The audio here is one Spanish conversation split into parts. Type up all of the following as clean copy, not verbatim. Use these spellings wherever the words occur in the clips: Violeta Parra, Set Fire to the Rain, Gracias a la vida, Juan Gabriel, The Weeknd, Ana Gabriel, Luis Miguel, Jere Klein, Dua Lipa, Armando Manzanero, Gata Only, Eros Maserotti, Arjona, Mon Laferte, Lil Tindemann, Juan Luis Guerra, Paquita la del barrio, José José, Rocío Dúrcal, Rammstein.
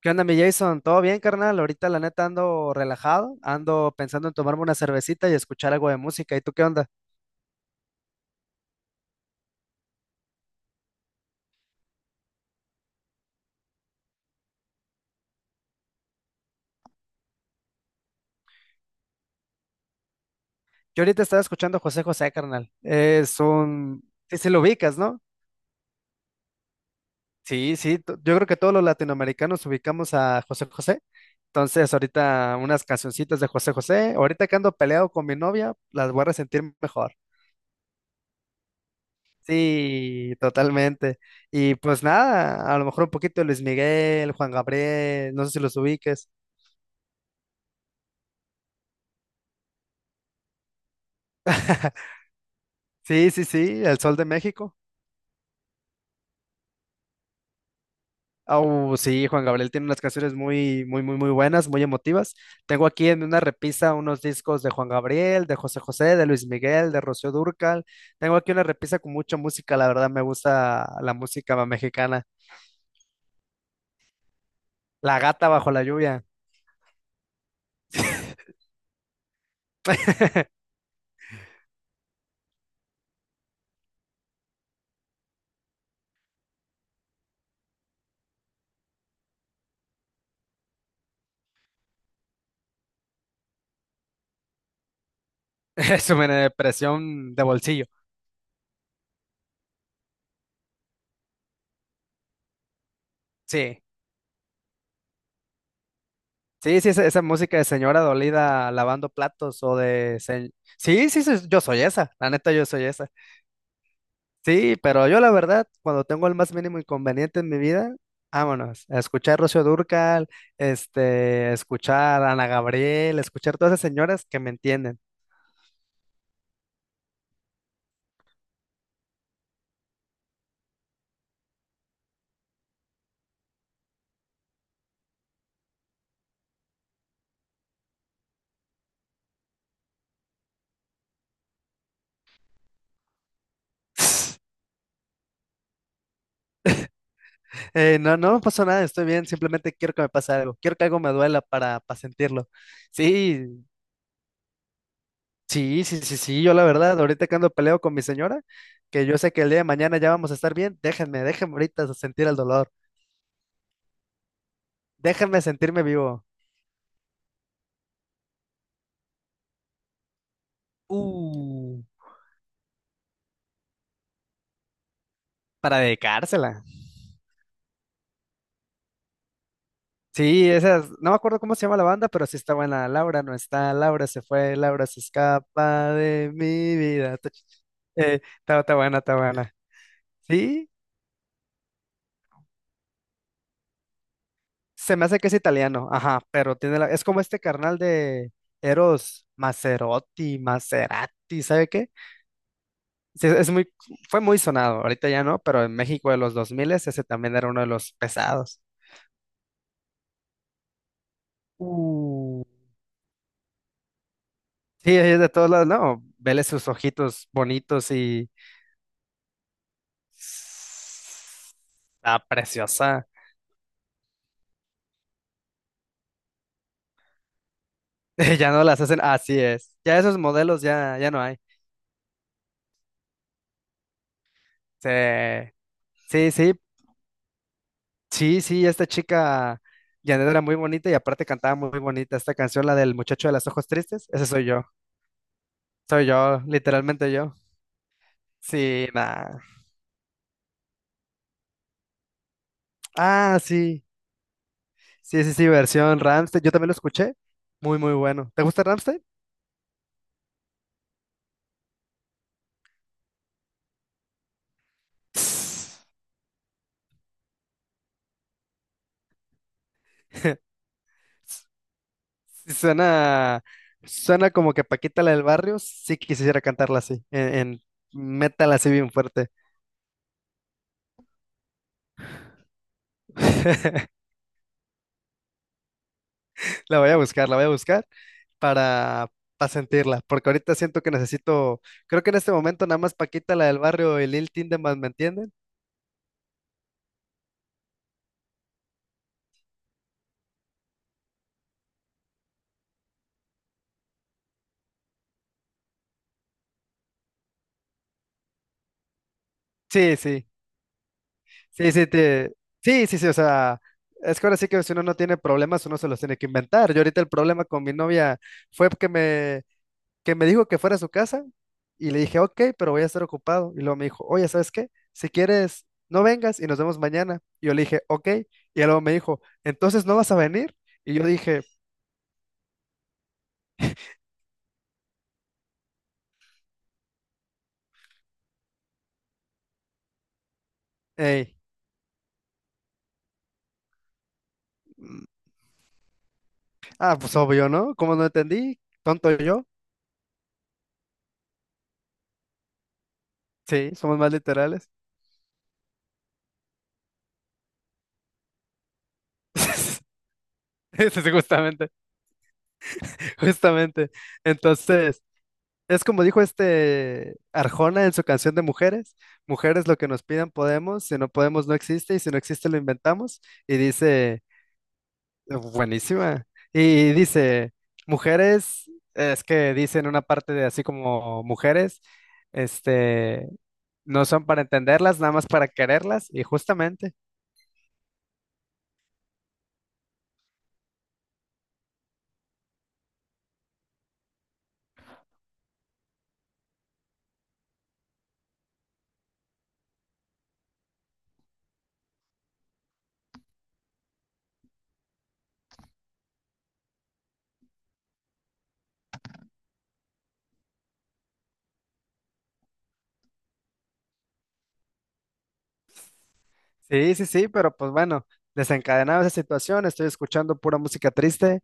¿Qué onda, mi Jason? ¿Todo bien, carnal? Ahorita la neta ando relajado, ando pensando en tomarme una cervecita y escuchar algo de música. ¿Y tú qué onda? Yo ahorita estaba escuchando a José José, carnal. Es un... Sí, sí lo ubicas, ¿no? Sí, sí. Yo creo que todos los latinoamericanos ubicamos a José José. Entonces, ahorita unas cancioncitas de José José. Ahorita que ando peleado con mi novia, las voy a resentir mejor. Sí, totalmente. Y pues nada, a lo mejor un poquito de Luis Miguel, Juan Gabriel, no sé si los ubiques. Sí, sí, sí, El Sol de México. Au, sí, Juan Gabriel tiene unas canciones muy, muy, muy, muy buenas, muy emotivas. Tengo aquí en una repisa unos discos de Juan Gabriel, de José José, de Luis Miguel, de Rocío Dúrcal. Tengo aquí una repisa con mucha música, la verdad me gusta la música mexicana. La gata bajo la lluvia. Es una depresión de bolsillo. Sí, sí, sí, esa música de señora dolida lavando platos o de... Sí, sí, sí, yo soy esa, la neta yo soy esa. Sí, pero yo la verdad, cuando tengo el más mínimo inconveniente en mi vida, vámonos, a escuchar Rocío Dúrcal, este, a escuchar a Ana Gabriel, a escuchar todas esas señoras que me entienden. No, no me pasó nada, estoy bien, simplemente quiero que me pase algo, quiero que algo me duela para sentirlo. Sí, sí, sí, sí, sí, yo la verdad, ahorita que ando peleo con mi señora, que yo sé que el día de mañana ya vamos a estar bien, déjenme, déjenme ahorita sentir el dolor, déjenme sentirme vivo. Uh, para dedicársela. Sí, esas, no me acuerdo cómo se llama la banda, pero sí está buena. Laura no está, Laura se fue, Laura se escapa de mi vida. Está, está buena, está buena. Sí, se me hace que es italiano, ajá, pero tiene es como este carnal de Eros Maserotti, Maserati, ¿sabe qué? Sí, es muy, fue muy sonado, ahorita ya no, pero en México de los 2000 ese también era uno de los pesados. Uh, Sí, es de todos lados, no, vele sus ojitos bonitos y... Está preciosa. Ya no las hacen, así es. Ya esos modelos ya, ya no hay. Se- Sí, sí, sí, sí, esta chica Janet era muy bonita y aparte cantaba muy bonita esta canción, la del muchacho de los ojos tristes. Ese soy yo, literalmente yo. Sí, nada. Ah, sí. Sí, sí, sí, versión Rammstein. Yo también lo escuché. Muy, muy bueno. ¿Te gusta Rammstein? Tss. Sí, suena, suena como que Paquita la del barrio. Sí quisiera cantarla así, en metal así bien fuerte. La voy a buscar, la voy a buscar para, para sentirla, porque ahorita siento que necesito, creo que en este momento nada más Paquita la del barrio y Lil Tindemann, ¿me entienden? Sí, sí. Sí, sí, te... sí, sí, sí, o sea, es que ahora sí que si uno no tiene problemas, uno se los tiene que inventar. Yo ahorita el problema con mi novia fue que me dijo que fuera a su casa y le dije, ok, pero voy a estar ocupado. Y luego me dijo, oye, ¿sabes qué? Si quieres, no vengas y nos vemos mañana. Y yo le dije, ok. Y luego me dijo, entonces no vas a venir. Y yo dije, hey, mm, pues obvio, ¿no? ¿Cómo no entendí? Tonto yo. Sí, somos más literales. Sí, sí, justamente, justamente. Entonces... Es como dijo este Arjona en su canción de Mujeres, mujeres lo que nos pidan podemos, si no podemos no existe y si no existe lo inventamos. Y dice, buenísima. Y dice, mujeres, es que dice en una parte de así como mujeres, este, no son para entenderlas, nada más para quererlas. Y justamente. Sí, sí, sí, pero pues bueno, desencadenada esa situación, estoy escuchando pura música triste,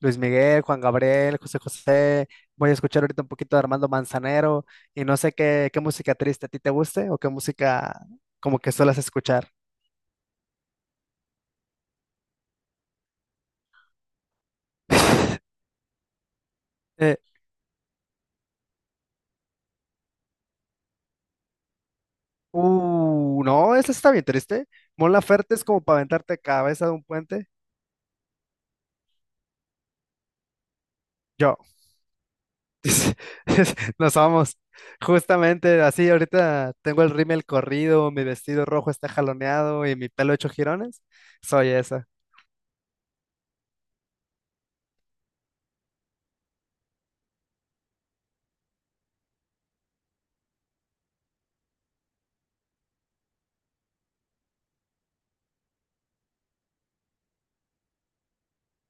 Luis Miguel, Juan Gabriel, José José, voy a escuchar ahorita un poquito de Armando Manzanero y no sé qué, qué música triste a ti te guste o qué música como que suelas escuchar. Eh, no, esa está bien triste. Mon Laferte es como para aventarte cabeza de un puente. Yo. Nos vamos. Justamente así, ahorita tengo el rímel corrido, mi vestido rojo está jaloneado y mi pelo hecho jirones. Soy esa.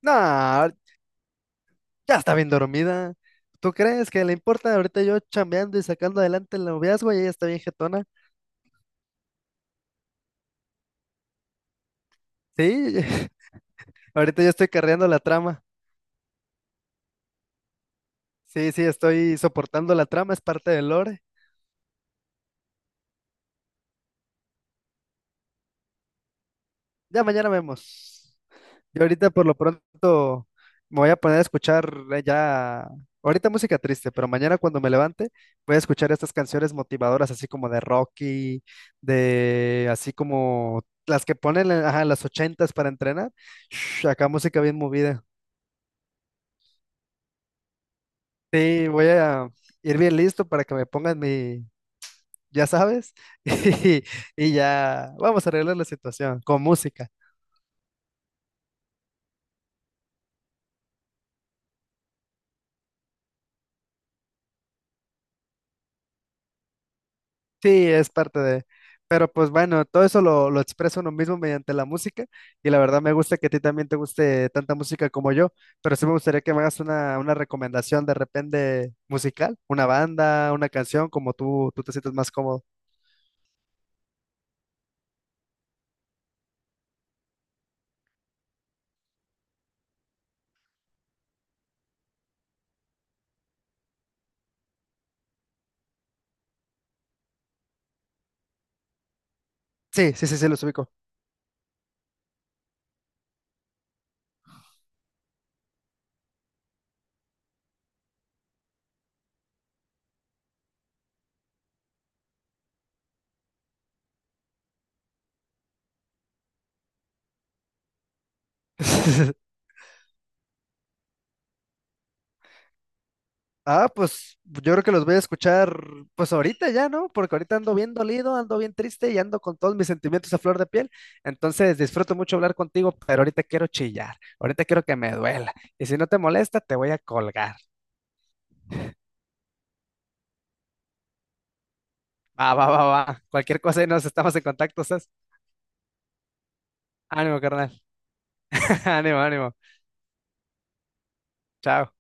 No, ya está bien dormida. ¿Tú crees que le importa? Ahorita yo chambeando y sacando adelante el noviazgo y ella está bien jetona. Sí, ahorita yo estoy carreando la trama. Sí, sí, estoy soportando la trama, es parte del lore. Ya mañana vemos. Yo ahorita por lo pronto me voy a poner a escuchar ahorita música triste, pero mañana cuando me levante voy a escuchar estas canciones motivadoras, así como de Rocky, de así como las que ponen en ajá, en las ochentas para entrenar. Shh, acá música bien movida. Sí, voy a ir bien listo para que me pongan mi, ya sabes, y, y ya vamos a arreglar la situación con música. Sí, es parte de... Pero pues bueno, todo eso lo expresa uno mismo mediante la música y la verdad me gusta que a ti también te guste tanta música como yo, pero sí me gustaría que me hagas una recomendación de repente musical, una banda, una canción, como tú te sientes más cómodo. Sí, sí, sí, sí, los ubico. Ah, pues yo creo que los voy a escuchar pues ahorita ya, ¿no? Porque ahorita ando bien dolido, ando bien triste y ando con todos mis sentimientos a flor de piel. Entonces disfruto mucho hablar contigo, pero ahorita quiero chillar, ahorita quiero que me duela. Y si no te molesta, te voy a colgar. Va, va, va, va. Cualquier cosa y nos estamos en contacto, ¿sabes? Ánimo, carnal. Ánimo, ánimo. Chao.